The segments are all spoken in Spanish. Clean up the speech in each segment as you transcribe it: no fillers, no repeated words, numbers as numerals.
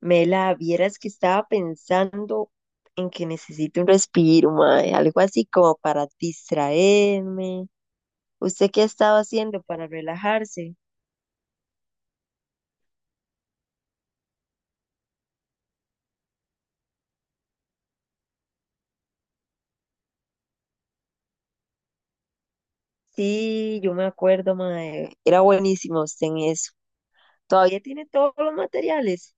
Mela, vieras que estaba pensando en que necesito un respiro, mae, algo así como para distraerme. ¿Usted qué ha estado haciendo para relajarse? Sí, yo me acuerdo, mae, era buenísimo usted en eso. ¿Todavía tiene todos los materiales?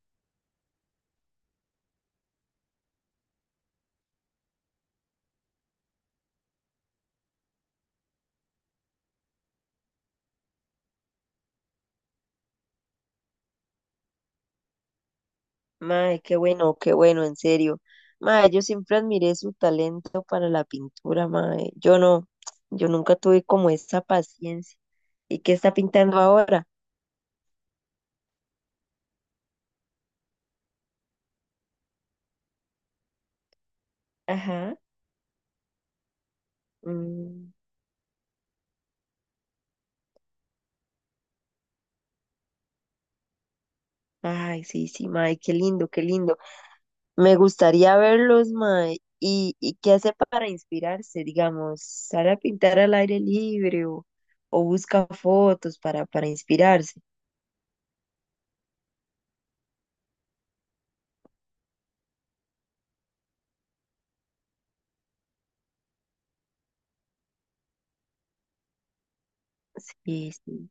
Mae, qué bueno, en serio. Mae, yo siempre admiré su talento para la pintura, mae. Yo no, yo nunca tuve como esa paciencia. ¿Y qué está pintando ahora? Ajá. Mm. Ay, sí, sí, mae, qué lindo, qué lindo. Me gustaría verlos, mae. ¿Y, qué hace para inspirarse, digamos? ¿Sale a pintar al aire libre o, busca fotos para, inspirarse? Sí, sí.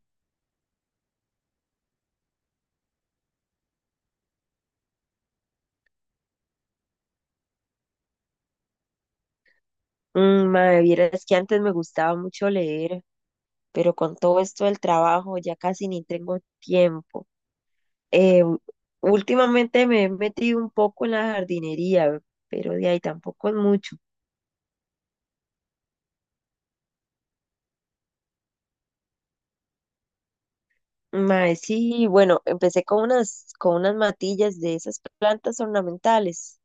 Mae, vieras que antes me gustaba mucho leer, pero con todo esto del trabajo ya casi ni tengo tiempo. Eh, u- Últimamente me he metido un poco en la jardinería, pero de ahí tampoco es mucho. Mae, sí, bueno, empecé con unas matillas de esas plantas ornamentales.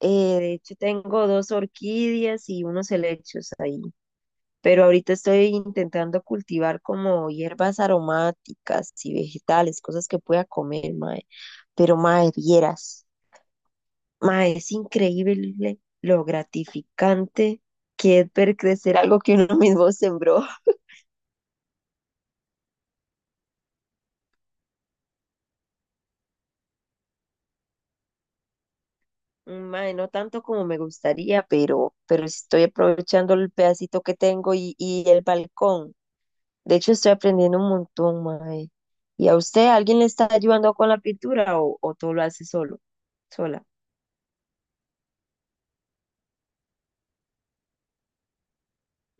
Eh, de hecho, tengo dos orquídeas y unos helechos ahí. Pero ahorita estoy intentando cultivar como hierbas aromáticas y vegetales, cosas que pueda comer, mae. Pero, mae, vieras, mae, es increíble lo gratificante que es ver crecer algo que uno mismo sembró. Mae, no tanto como me gustaría, pero sí estoy aprovechando el pedacito que tengo y, el balcón. De hecho, estoy aprendiendo un montón, mae. ¿Y a usted alguien le está ayudando con la pintura o, todo lo hace solo, sola?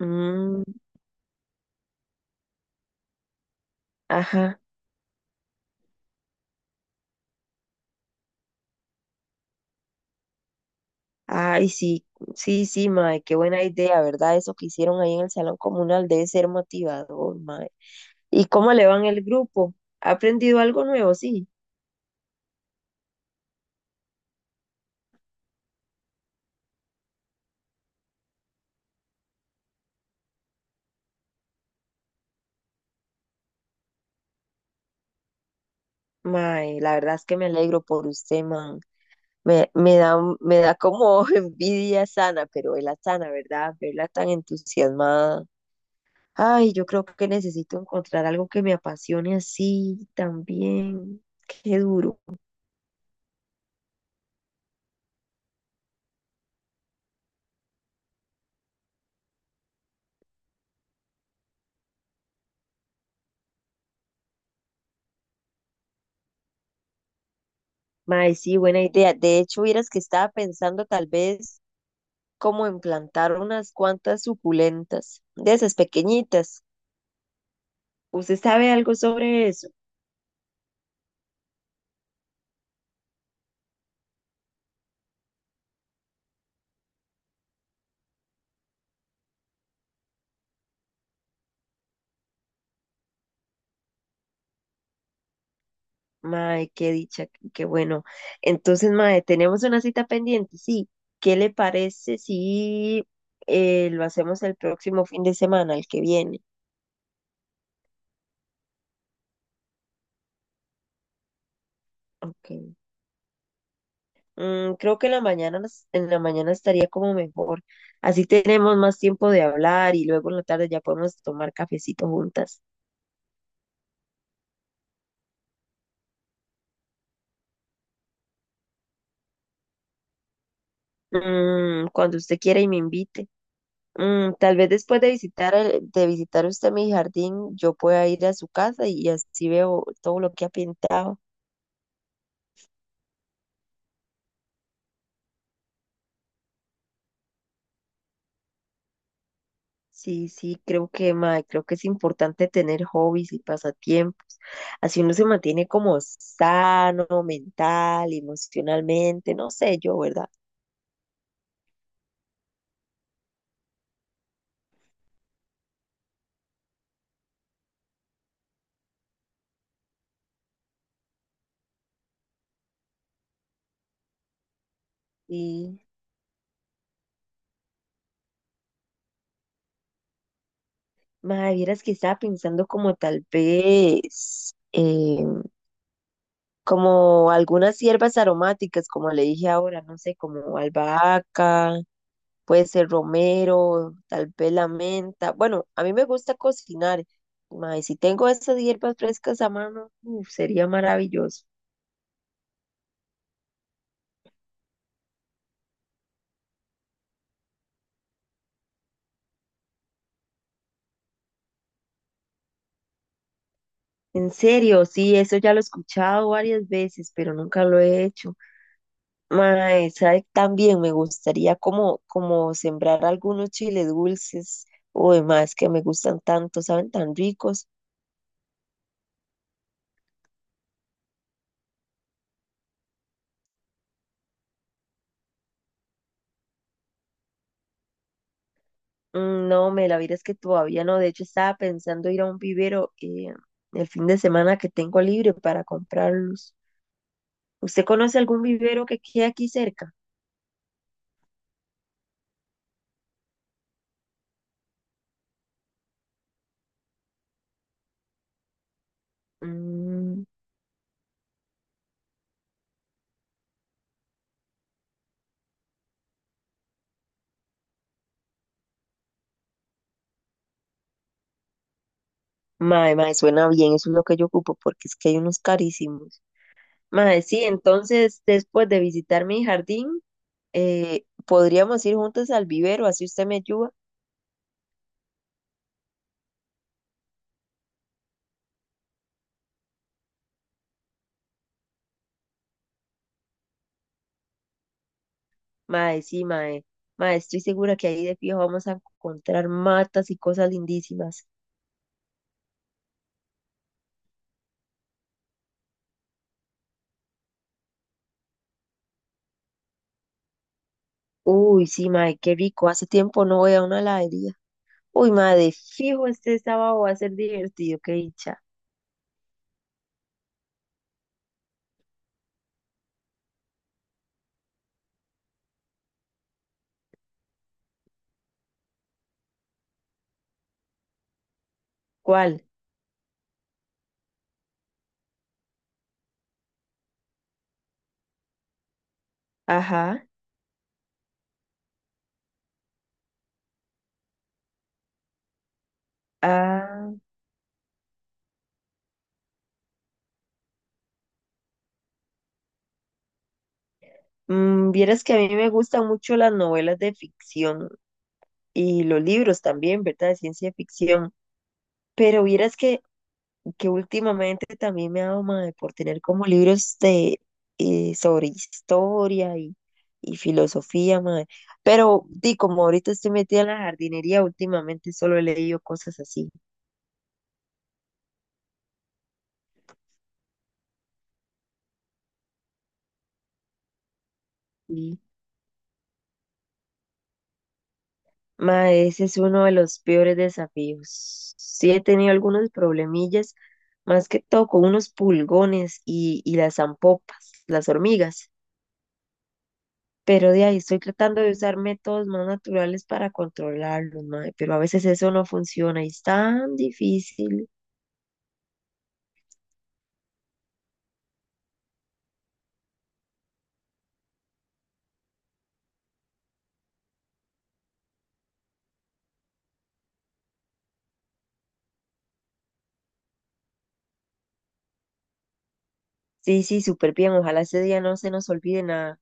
Mm, ajá. Ay, sí, sí, sí, mae, qué buena idea, ¿verdad? Eso que hicieron ahí en el salón comunal debe ser motivador, mae. ¿Y cómo le va en el grupo? ¿Ha aprendido algo nuevo? Sí. Mae, la verdad es que me alegro por usted, man. Me, me da como envidia sana, pero la sana, ¿verdad? Verla tan entusiasmada. Ay, yo creo que necesito encontrar algo que me apasione así también. Qué duro. Mae, sí, buena idea. De hecho, vieras que estaba pensando tal vez como en plantar unas cuantas suculentas, de esas pequeñitas. ¿Usted sabe algo sobre eso? Mae, qué dicha, qué bueno. Entonces, mae, tenemos una cita pendiente, sí. ¿Qué le parece si lo hacemos el próximo fin de semana, el que viene? Okay. Creo que en la mañana, en la mañana estaría como mejor. Así tenemos más tiempo de hablar y luego en la tarde ya podemos tomar cafecito juntas. Mm, cuando usted quiera y me invite. Tal vez después de visitar de visitar usted mi jardín, yo pueda ir a su casa y así veo todo lo que ha pintado. Sí, sí, creo que, mae, creo que es importante tener hobbies y pasatiempos. Así uno se mantiene como sano mental, emocionalmente, no sé yo, ¿verdad? Y, mae, vieras que estaba pensando como tal vez, como algunas hierbas aromáticas, como le dije ahora, no sé, como albahaca, puede ser romero, tal vez la menta. Bueno, a mí me gusta cocinar. Mae, si tengo esas hierbas frescas a mano, uf, sería maravilloso. En serio, sí, eso ya lo he escuchado varias veces, pero nunca lo he hecho. Mae, ¿sabe? También me gustaría como, como sembrar algunos chiles dulces. Uy, más que me gustan tanto, saben tan ricos. Mm, no, me la vida es que todavía no. De hecho, estaba pensando ir a un vivero el fin de semana que tengo libre para comprarlos. ¿Usted conoce algún vivero que quede aquí cerca? Mm, mae, suena bien, eso es lo que yo ocupo, porque es que hay unos carísimos. Mae, sí, entonces después de visitar mi jardín, podríamos ir juntos al vivero, así usted me ayuda. Mae, sí, mae, estoy segura que ahí de fijo vamos a encontrar matas y cosas lindísimas. Uy, sí, mae, qué rico, hace tiempo no voy a una heladería. Uy, mae, de fijo este sábado va a ser divertido, qué dicha. ¿Cuál? Ajá. Ah. Mm, vieras que a mí me gustan mucho las novelas de ficción y los libros también, ¿verdad? De ciencia ficción. Pero vieras que últimamente también me ha dado mae, por tener como libros de, sobre historia y, filosofía, mae. Pero di, como ahorita estoy metida en la jardinería, últimamente solo he leído cosas así. Ma, ese es uno de los peores desafíos. Sí he tenido algunos problemillas, más que todo con unos pulgones y, las zampopas, las hormigas. Pero de ahí estoy tratando de usar métodos más naturales para controlarlos, ma, pero a veces eso no funciona y es tan difícil. Sí, sí, súper bien. Ojalá ese día no se nos olvide nada.